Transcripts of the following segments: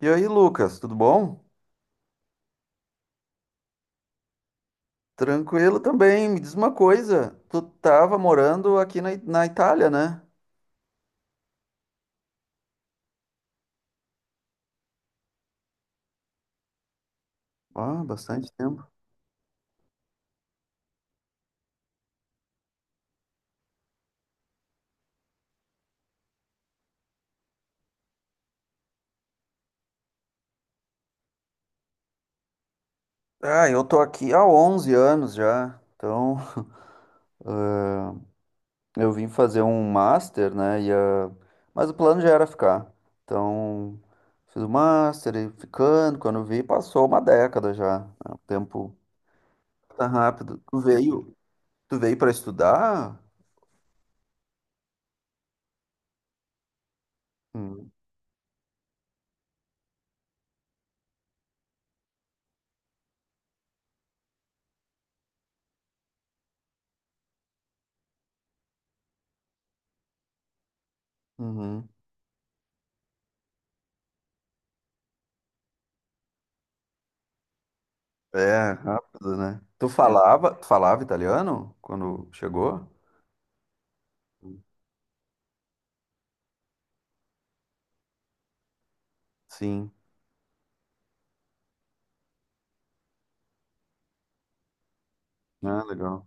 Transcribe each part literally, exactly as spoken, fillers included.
E aí, Lucas, tudo bom? Tranquilo também. Me diz uma coisa, tu tava morando aqui na, I- na Itália, né? Ah, bastante tempo. Ah, eu tô aqui há onze anos já. Então, eu vim fazer um master, né? E, ah, mas o plano já era ficar. Então, fiz o master e ficando. Quando vi, passou uma década já, né? O tempo tá rápido. Tu veio, tu veio para estudar? Hum. Uhum. É, rápido, né? Tu falava, tu falava italiano quando chegou? Sim. Ah, legal.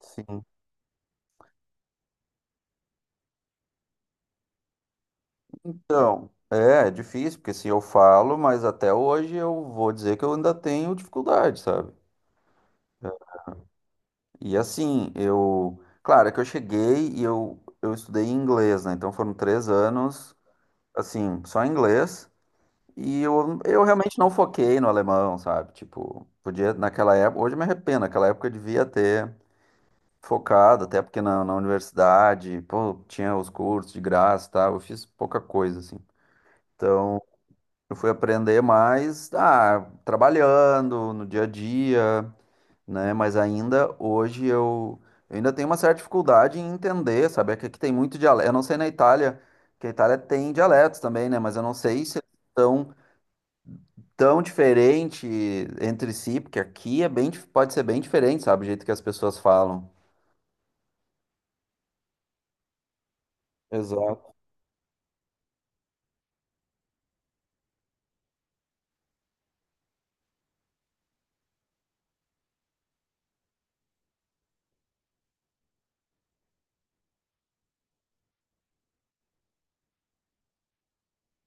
Sim. Então, é, é difícil, porque assim, eu falo, mas até hoje eu vou dizer que eu ainda tenho dificuldade, sabe? E assim, eu. Claro, é que eu cheguei e eu, eu estudei inglês, né? Então foram três anos, assim, só inglês. E eu, eu realmente não foquei no alemão, sabe? Tipo, podia, naquela época. Hoje eu me arrependo, naquela época eu devia ter focado, até porque na, na universidade, pô, tinha os cursos de graça, tá, eu fiz pouca coisa, assim. Então, eu fui aprender mais, ah, trabalhando no dia a dia, né? Mas ainda hoje eu, eu ainda tenho uma certa dificuldade em entender, sabe? É que aqui tem muito dialeto. Eu não sei na Itália, que a Itália tem dialetos também, né? Mas eu não sei se eles são tão diferente entre si, porque aqui é bem, dif- pode ser bem diferente, sabe? O jeito que as pessoas falam. Exato.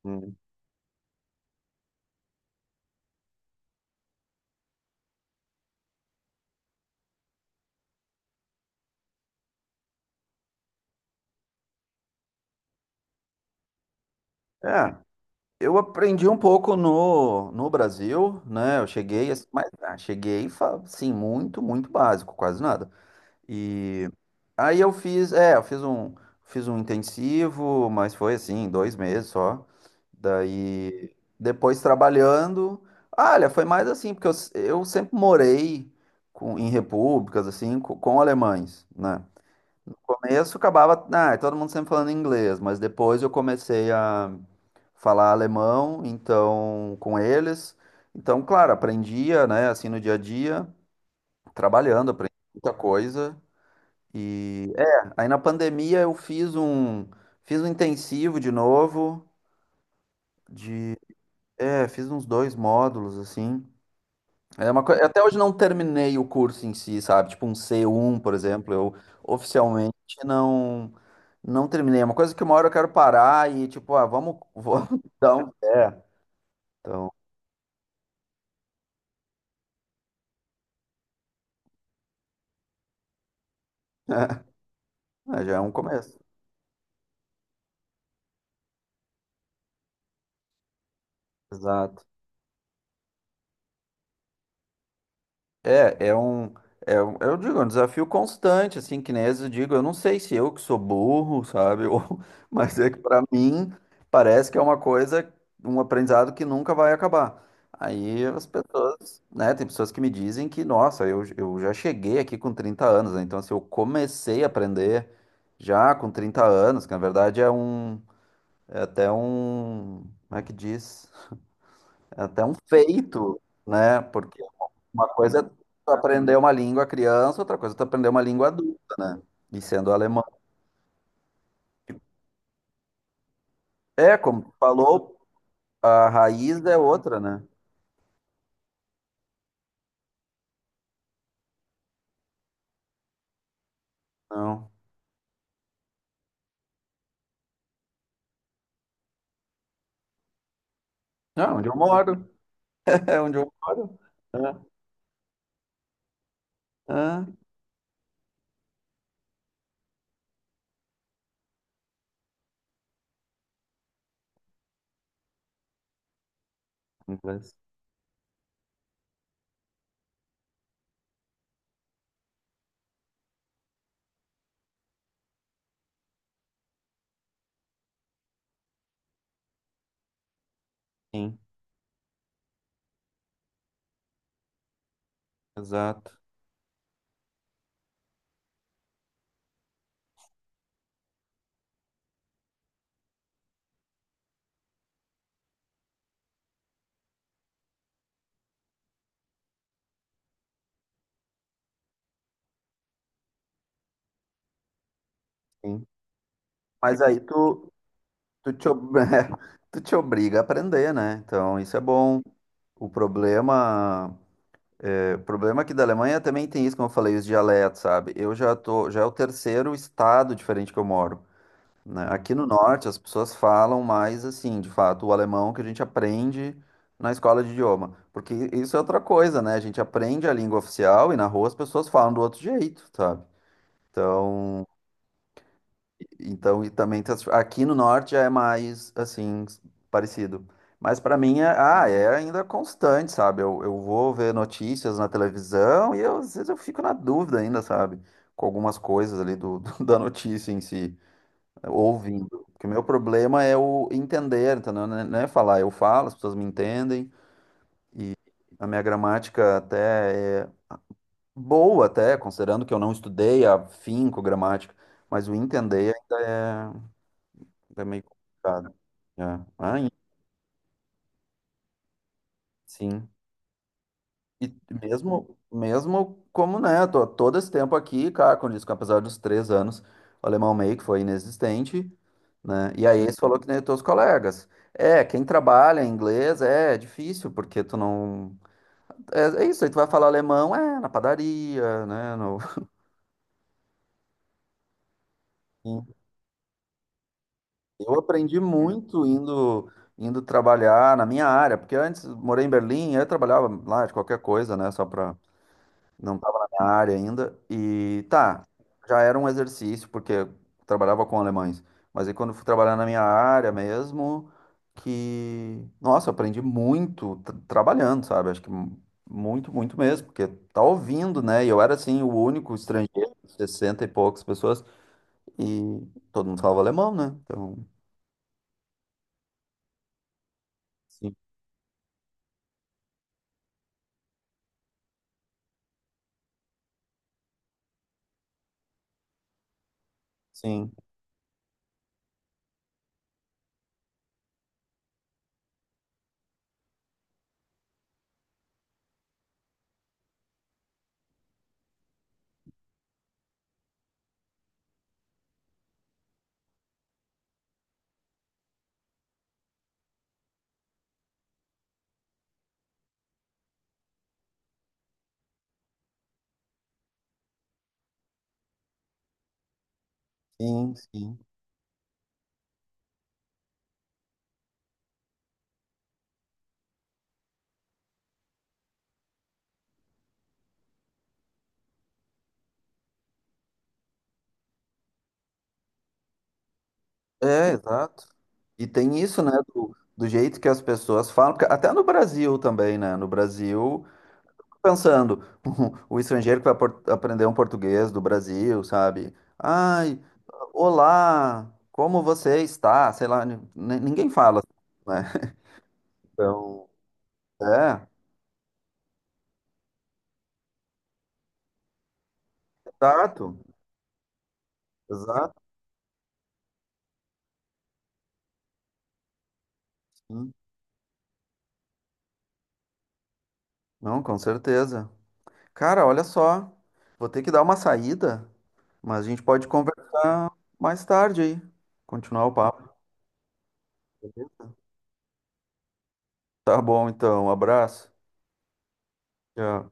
Hum. É. Eu aprendi um pouco no, no Brasil, né? Eu cheguei, assim, mas ah, cheguei, fa- sim, muito, muito básico, quase nada. E aí eu fiz, é, eu fiz um, fiz um intensivo, mas foi assim, dois meses só. Daí, depois trabalhando, ah, olha, foi mais assim, porque eu, s- eu sempre morei com, em repúblicas, assim, co- com, alemães, né? No começo acabava, ah, todo mundo sempre falando inglês, mas depois eu comecei a falar alemão, então com eles. Então, claro, aprendia, né, assim no dia a dia, trabalhando, aprendi muita coisa. E é, aí na pandemia eu fiz um fiz um intensivo de novo de, é, fiz uns dois módulos assim. É uma coisa, até hoje não terminei o curso em si, sabe? Tipo um C um, por exemplo, eu oficialmente não não terminei. É uma coisa que uma hora eu quero parar e tipo, ah, vamos, vamos dar um pé. Então, é, já é um começo. Exato. É, é um, é um, eu digo, é um desafio constante, assim, que nem às vezes eu digo, eu não sei se eu que sou burro, sabe, ou, mas é que para mim parece que é uma coisa, um aprendizado que nunca vai acabar. Aí as pessoas, né, tem pessoas que me dizem que, nossa, eu, eu já cheguei aqui com trinta anos, né, então assim, eu comecei a aprender já com trinta anos, que na verdade é um, é até um, como é que diz? É até um feito, né? Porque uma coisa é tu aprender uma língua criança, outra coisa é tu aprender uma língua adulta, né? E sendo alemão. É, como tu falou, a raiz é outra, né? Não. Ah, onde eu moro. É onde eu moro. Ah, ah. Inglês. Sim, exato. Sim. Mas aí tu, tu te, ob- tu te obriga a aprender, né? Então, isso é bom. O problema, é, o problema aqui da Alemanha também tem isso, como eu falei, os dialetos, sabe? Eu já tô, já é o terceiro estado diferente que eu moro. Né? Aqui no norte, as pessoas falam mais assim, de fato, o alemão que a gente aprende na escola de idioma. Porque isso é outra coisa, né? A gente aprende a língua oficial e na rua as pessoas falam do outro jeito, sabe? Então, então e também tá- aqui no norte já é mais assim, s- parecido. Mas para mim é, ah, é ainda constante, sabe? Eu, eu vou ver notícias na televisão e eu, às vezes eu fico na dúvida ainda, sabe? Com algumas coisas ali do- da notícia em si ouvindo. Porque o meu problema é o entender, entendeu? Não é não é falar, eu falo, as pessoas me entendem. A minha gramática até é boa, até, considerando que eu não estudei afinco gramática, mas o entender ainda é, ainda é meio complicado. É. Ah, sim. E mesmo, mesmo como, né, tô todo esse tempo aqui, cara, com isso, que apesar dos três anos, o alemão meio que foi inexistente, né? E aí eles falou que nem os teus colegas. É, quem trabalha em inglês é difícil, porque tu não. É, é isso, aí tu vai falar alemão, é, na padaria, né? no- Sim. Eu aprendi muito indo, indo trabalhar na minha área, porque antes morei em Berlim, eu trabalhava lá de qualquer coisa, né? Só para não estava na minha área ainda. E tá, já era um exercício, porque eu trabalhava com alemães. Mas aí quando eu fui trabalhar na minha área mesmo, que, nossa, eu aprendi muito tra- trabalhando, sabe? Acho que mu- muito, muito, mesmo, porque tá ouvindo, né? E eu era assim, o único estrangeiro, sessenta e poucas pessoas, e todo mundo falava alemão, né? Então, sim, sim, sim, sim. É, exato. E tem isso, né, do, do jeito que as pessoas falam, porque até no Brasil também, né? No Brasil, pensando, o o estrangeiro que vai por- aprender um português do Brasil, sabe? Ai, olá, como você está? Sei lá, ni- ni- ninguém fala, né? Então, é, exato, exato. Sim. Não, com certeza. Cara, olha só, vou ter que dar uma saída, mas a gente pode conversar mais tarde aí, continuar o papo. Beleza? Tá bom, então. Um abraço. Tchau.